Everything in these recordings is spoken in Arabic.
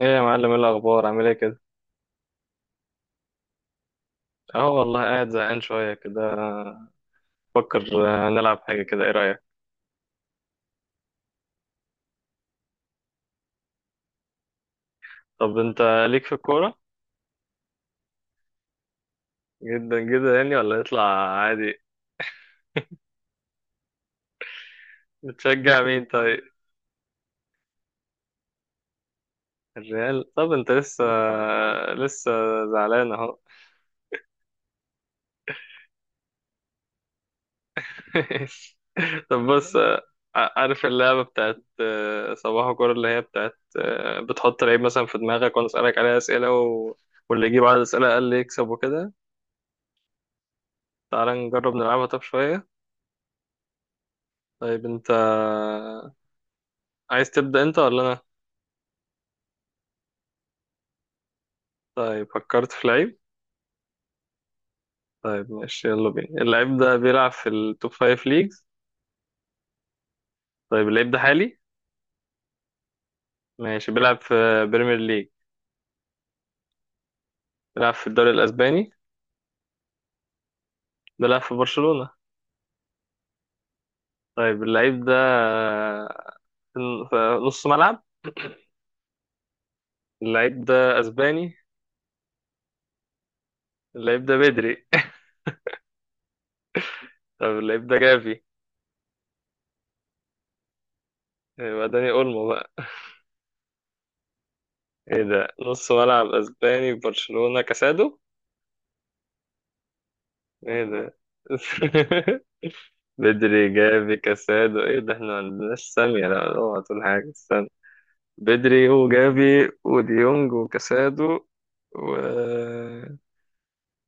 ايه يا معلم، ايه الاخبار؟ عامل ايه كده؟ اهو والله، قاعد زهقان شويه كده، بفكر. نلعب حاجه كده، ايه رايك؟ طب انت، ليك في الكوره؟ جدا جدا يعني، ولا يطلع عادي؟ بتشجع مين طيب؟ الريال؟ طب انت لسه زعلان اهو. طب بص، عارف اللعبه بتاعت صباح الكوره اللي هي بتاعت بتحط لعيب مثلا في دماغك وانا اسالك عليها اسئله واللي يجيب عدد اسئله اقل يكسب وكده. تعال نجرب نلعبها طب شويه. طيب انت، عايز تبدأ انت ولا انا؟ طيب فكرت في لعيب. طيب ماشي، يلا بينا. اللعيب ده بيلعب في التوب فايف ليجز؟ طيب اللعيب ده حالي؟ ماشي. بيلعب في بريمير ليج؟ بيلعب في الدوري الاسباني؟ بيلعب في برشلونة؟ طيب اللعيب ده في في نص ملعب؟ اللعيب ده اسباني؟ اللعيب ده بدري؟ طب اللعيب ده جافي؟ يبقى داني اولمو بقى؟ ايه ده؟ نص ملعب اسباني في برشلونة، كاسادو؟ ايه ده؟ بدري، جافي، كاسادو، ايه ده؟ احنا ما عندناش سامية، لا اوعى تقول حاجة، استنى. بدري وجافي وديونج وكاسادو، و...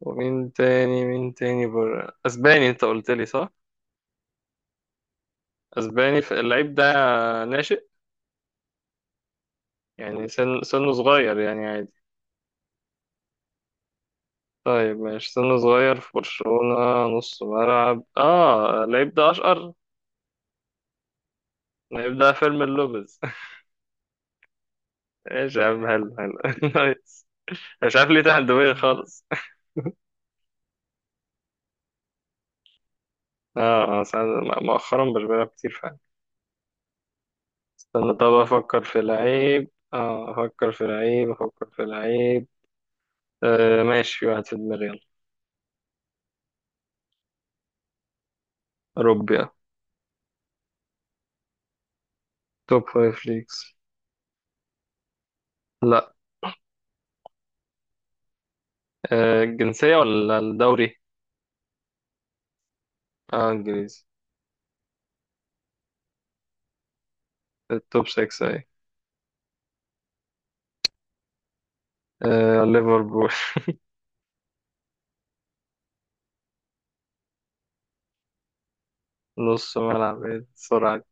ومين تاني، مين تاني بره اسباني؟ انت قلت لي صح؟ اسباني، فاللعيب ده ناشئ؟ يعني سنه صغير يعني، عادي. طيب ماشي، سنه صغير في برشلونة، نص ملعب. اه اللعيب ده اشقر؟ اللعيب ده فيرمين لوبيز؟ ايش يا عم، هلا هلا، نايس. مش عارف ليه تحت دماغي خالص. اه، اه. ساعات مؤخرا مش بلعب كتير فعلا. استنى، طب افكر في لعيب. اه افكر في لعيب، افكر في لعيب. آه ماشي، في واحد في دماغي، يلا. اوروبي؟ اه توب فايف ليجز؟ لا. الجنسية ولا الدوري؟ اه، انجليزي. التوب 6 اهي؟ آه ليفربول. نص ملعب؟ ايه السرعة دي؟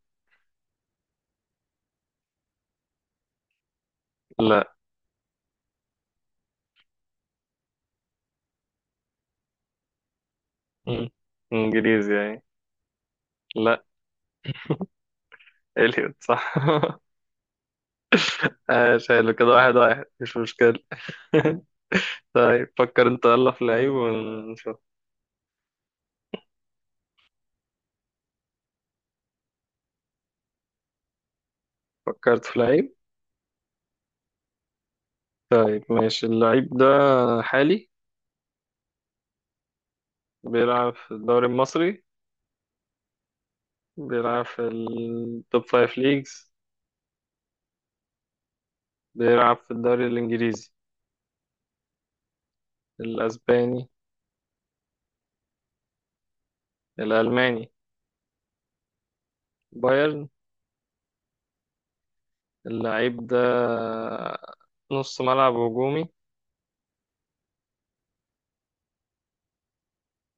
لا. مم. انجليزي اهي. لا. اليوت صح. آه، شايله كده، واحد واحد مش مشكلة. طيب فكر انت يلا في لعيب ونشوف. فكرت في لعيب. طيب ماشي، اللعيب ده حالي؟ بيلعب في الدوري المصري؟ بيلعب في التوب فايف ليجز؟ بيلعب في الدوري الإنجليزي؟ الأسباني؟ الألماني؟ بايرن؟ اللعيب ده نص ملعب هجومي؟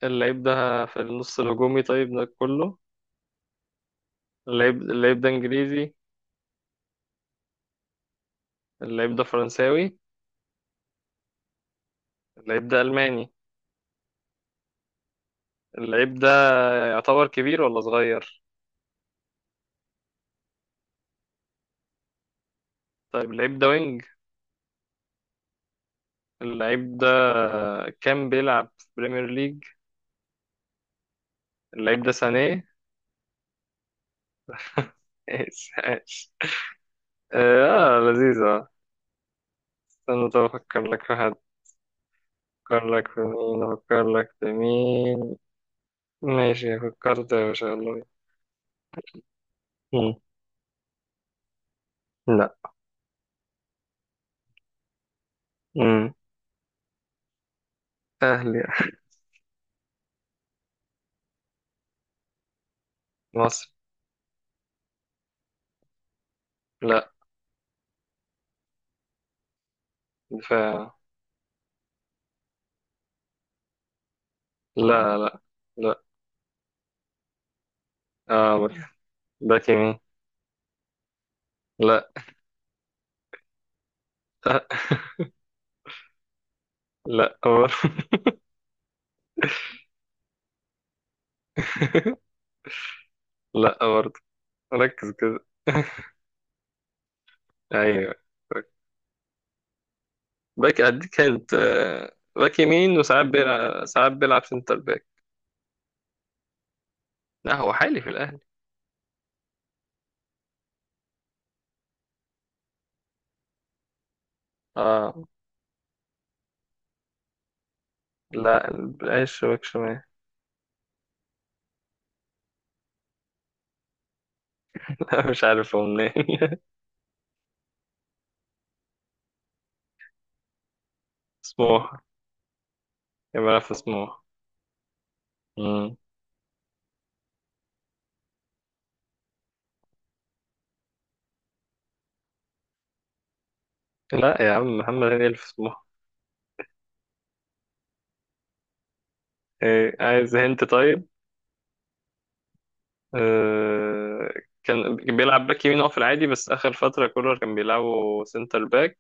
اللعيب ده في النص الهجومي طيب، ده كله؟ اللعيب ده إنجليزي؟ اللعيب ده فرنساوي؟ اللعيب ده ألماني؟ اللعيب ده يعتبر كبير ولا صغير؟ طيب اللعيب ده وينج؟ اللعيب ده كان بيلعب في بريمير ليج؟ اللعيب ده سانيه؟ إيش، إيش. آه لذيذة. استنى طب أفكر لك في حد. أفكر لك في مين، أفكر لك في مين. ماشي فكرت يا باشا، يلا بينا. مم. لا. مم. أهلي. مصر. لا. دفاع. لا، لا، لا. آه برضه. باك يمين. لا. آه. لا برضه. لا برضه، ركز كده. أيوه. باك، أديك هنت، باك يمين، وساعات بيلعب ساعات بيلعب سنتر باك. لا، هو حالي في الأهلي. اه لا، العيش شبك شمال. لا، مش عارف هو منين. سموحة. يبقى أنا في سموحة؟ مم. لا يا عم، محمد هنيدي اللي في سموحة. إيه، عايز هنت؟ طيب. آه، كان بيلعب باك يمين هو في العادي، بس آخر فترة كولر كان بيلعبه سنتر باك.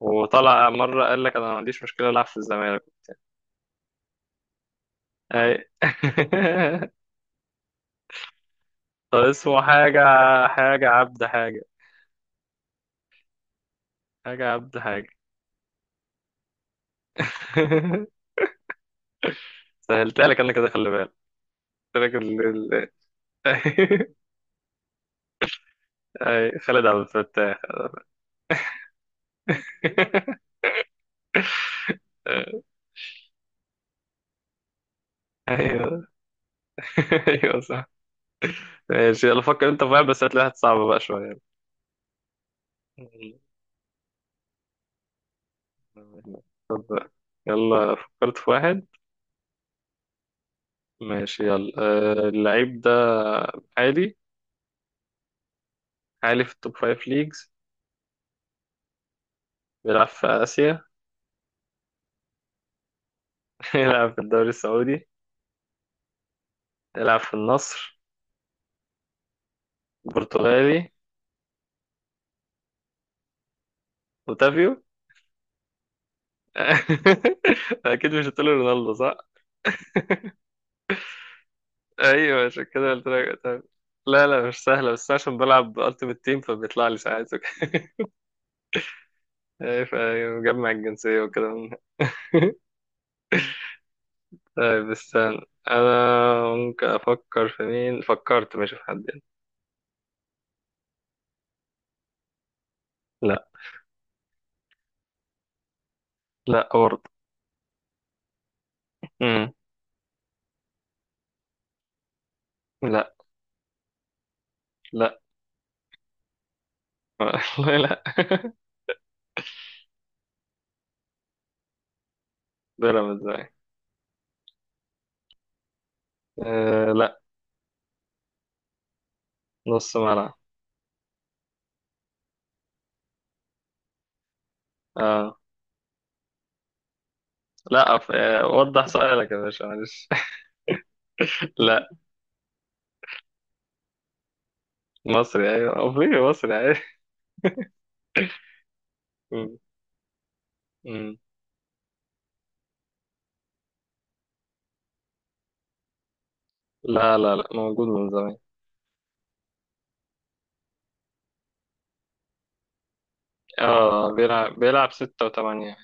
وطلع مرة قال لك أنا ما عنديش مشكلة ألعب في الزمالك. أي. طب اسمه حاجة، حاجة عبد حاجة، حاجة عبد حاجة. سهلتها لك أنا كده، خلي بالك. قلت لك ال- أي، خالد عبد الفتاح. ايوه. ايوه صح. ماشي، يلا فكر انت في واحد بس هتلاقيها صعبة بقى شوية. طب يلا، فكرت في واحد. ماشي يلا، اللعيب ده عالي؟ عالي في التوب فايف ليجز؟ بيلعب في آسيا؟ يلعب في الدوري السعودي؟ يلعب في النصر؟ برتغالي؟ اوتافيو؟ اكيد مش هتقول رونالدو. ايوه، عشان كده قلت لك طب. لا لا، مش سهله، بس عشان بلعب التيمت تيم فبيطلع لي ساعات وكده. ايه، فمجمع الجنسيه وكده. طيب استنى. انا ممكن افكر في مين؟ فكرت ماشي في حد يعني. لا. لا برضه. امم لا. لا. والله لا. بيراميدز أهي. أه لا. نص ملعب؟ أه لا. أف... آه، وضح سؤالك يا باشا، معلش. لا. مصري، ايوه، افريقي، مصري، ايوه. أمم، أمم. لا، لا، لا، موجود من زمان. اه، بيلعب ستة وثمانية،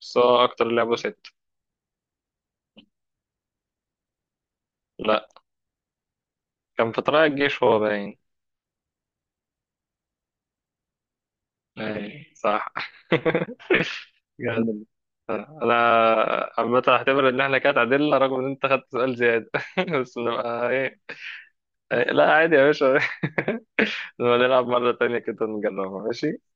بس هو أكتر لعبه ستة. لا، كان في طلائع الجيش هو باين. أي صح. جامد جامد. أنا عامة هعتبر إن إحنا كده تعادلنا، رغم إن أنت خدت سؤال زيادة. بس نبقى إيه. إيه، لا عادي يا باشا. نبقى نلعب مرة تانية كده نجربها، ماشي.